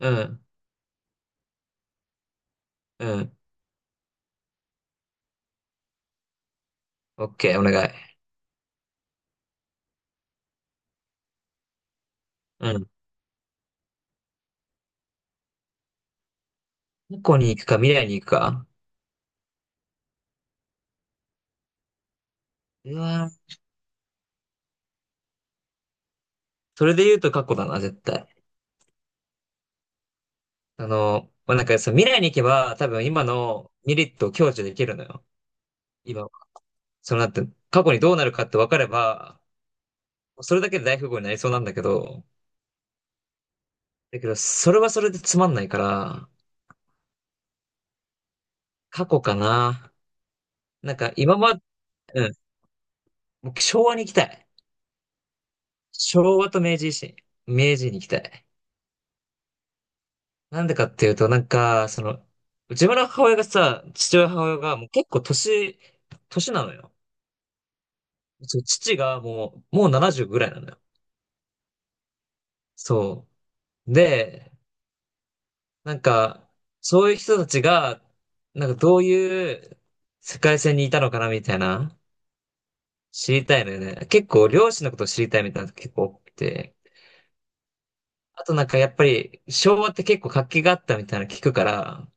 うん、うん。オッケー、お願い。うん。過去に行くか、未来に行くか。うわー、それで言うと過去だな、絶対。まあ、なんか未来に行けば、多分今のメリットを享受できるのよ。今、そのなんて、過去にどうなるかって分かれば、それだけで大富豪になりそうなんだけど、だけど、それはそれでつまんないから、過去かな。なんか今ま、うん。僕、昭和に行きたい。昭和と明治維新。明治に行きたい。なんでかっていうと、なんか、自分の母親がさ、父親母親がもう結構年なのよ。そう、父がもう70ぐらいなのよ。そう。で、なんか、そういう人たちが、なんかどういう世界線にいたのかなみたいな、知りたいのよね。結構両親のことを知りたいみたいなのが結構多くて。あとなんかやっぱり昭和って結構活気があったみたいなの聞くから、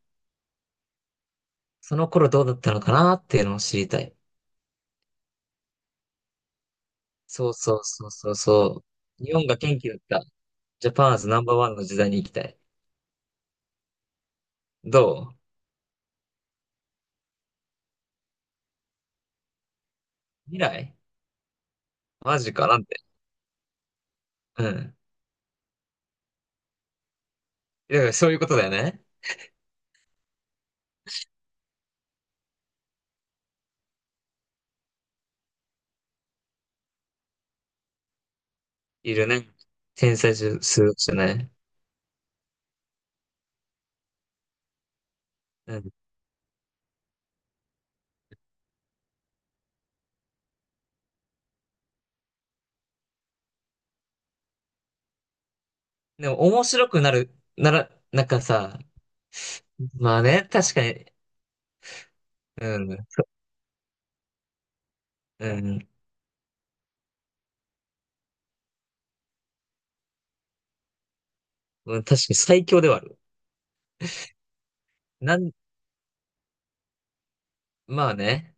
その頃どうだったのかなっていうのを知りたい。そうそうそうそうそう。日本が元気だった。ジャパンアズナンバーワンの時代に行きたい。どう？未来マジかなんて。うん。だからそういうことだよね。いるね。天才数学者ね。うん。でも面白くなら、なんかさ、まあね、確かに、うん、そうん、うん、確かに最強ではある。なん、まあね、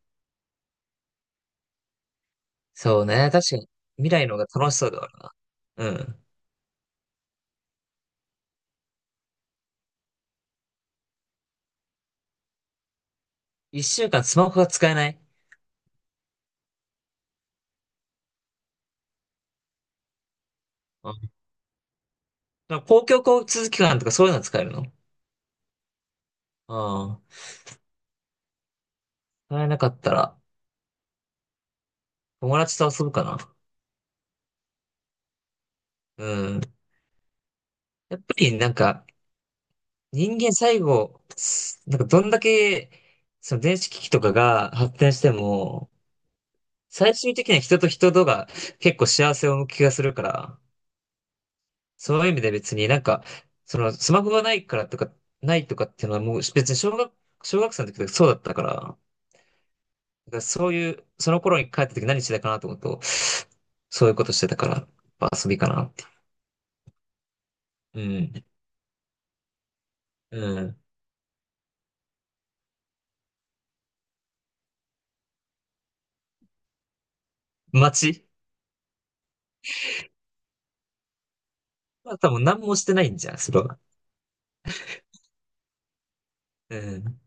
そうね、確かに未来の方が楽しそうではあるな。うん。一週間スマホが使えない。なんか公共交通機関とかそういうの使えるの？ああ、使えなかったら、友達と遊ぶかな。うん。やっぱりなんか、人間最後、なんかどんだけ、その電子機器とかが発展しても、最終的には人と人とが結構幸せを向く気がするから、そういう意味で別になんか、そのスマホがないからとか、ないとかっていうのはもう別に小学生の時とかそうだったから、だからそういう、その頃に帰った時何してたかなと思うと、そういうことしてたから、やっぱ遊びかなって。うん。うん。街、まあ多分何もしてないんじゃん、それは。うん。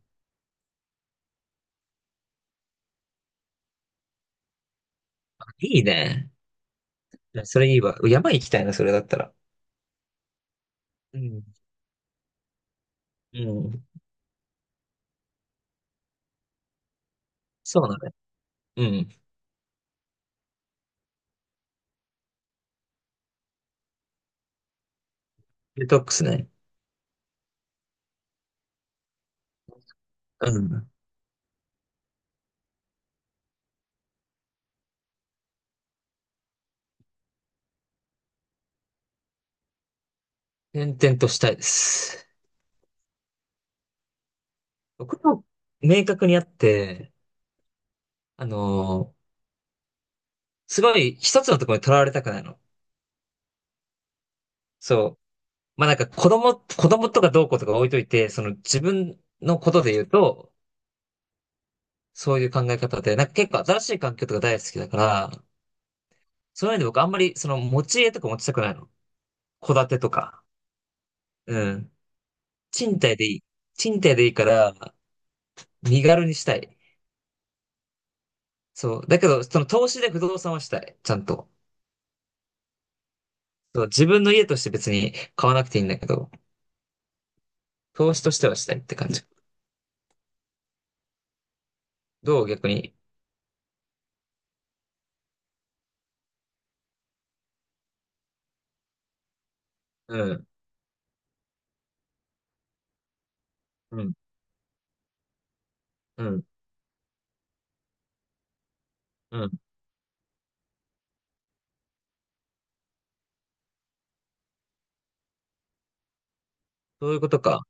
いいね。それいいわ。山行きたいな、それだったら。うん。うん。そうなのね。うん。デトックスね。うん。転々としたいです。僕も明確にあって、あのーすごい一つのところにとらわれたくないの。そう。まあなんか子供とかどうこうとか置いといて、その自分のことで言うと、そういう考え方で、なんか結構新しい環境とか大好きだから、そういうので僕あんまりその持ち家とか持ちたくないの。戸建てとか。うん。賃貸でいい。賃貸でいいから、身軽にしたい。そう。だけど、その投資で不動産はしたい。ちゃんと。そう、自分の家として別に買わなくていいんだけど、投資としてはしたいって感じ。どう？逆に。うん。うん。うん。うん。そういうことか。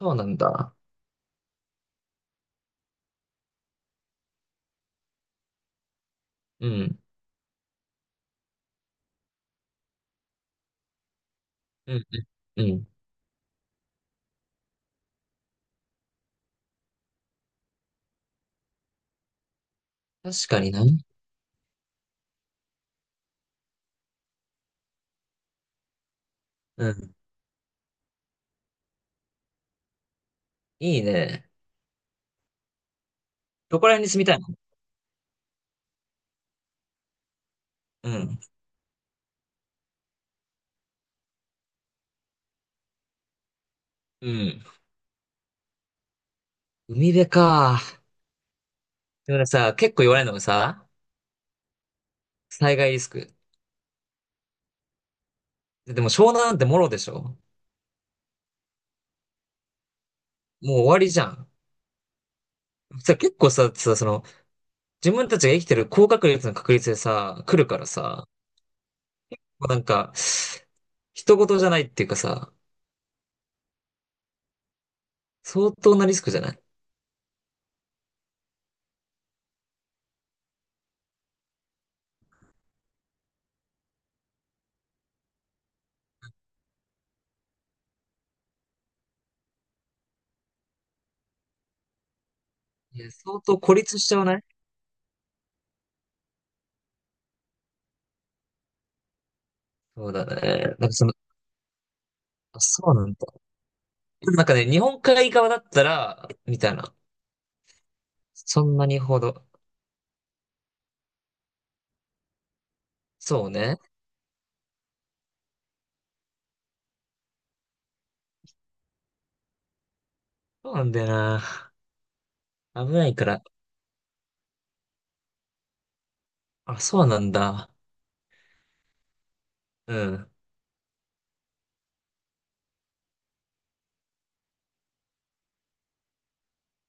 そうなんだ。うん。うん、うん。うん、確かにな。うん。いいね。どこら辺に住みたいの？うん。うん。海辺か。でもねさ、結構言われるのがさ、災害リスク。でも湘南なんてもろでしょ？もう終わりじゃん。結構さ、自分たちが生きてる高確率の確率でさ、来るからさ、もうなんか、人事じゃないっていうかさ、相当なリスクじゃない？いや、相当孤立しちゃわない？そうだね。なんかその、あ、そうなんだ。なんかね、日本海側だったら、みたいな。そんなにほど。そうね。そうなんだよな。危ないから。あ、そうなんだ。うん。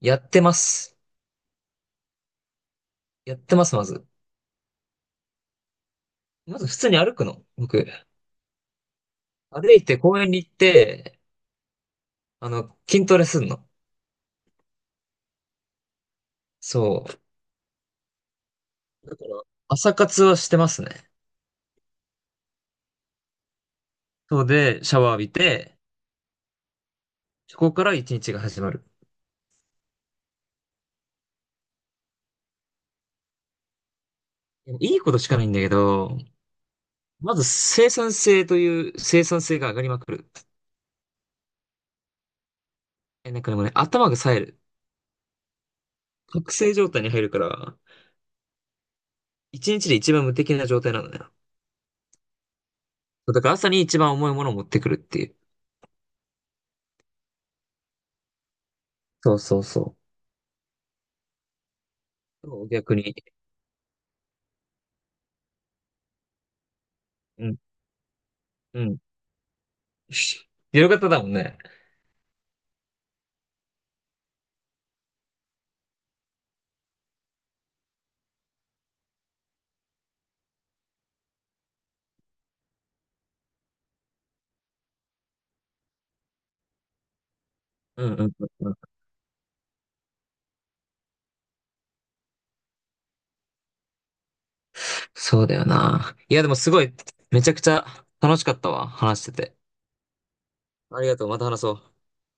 やってます。やってます、まず。まず普通に歩くの。僕。歩いて公園に行って、筋トレすんの。そう。だから、朝活はしてますね。そうで、シャワー浴びて、そこから一日が始まる。いいことしかないんだけど、まず生産性という生産性が上がりまくる。え、なんかでもね、頭が冴える。覚醒状態に入るから、一日で一番無敵な状態なんだよ。そうだから朝に一番重いものを持ってくるっていう。そうそうそう。そう？逆に。うん、うん。夜型だもんね。うんうんうんうん。そうだよな。いや、でもすごい、めちゃくちゃ楽しかったわ。話してて。ありがとう。また話そう。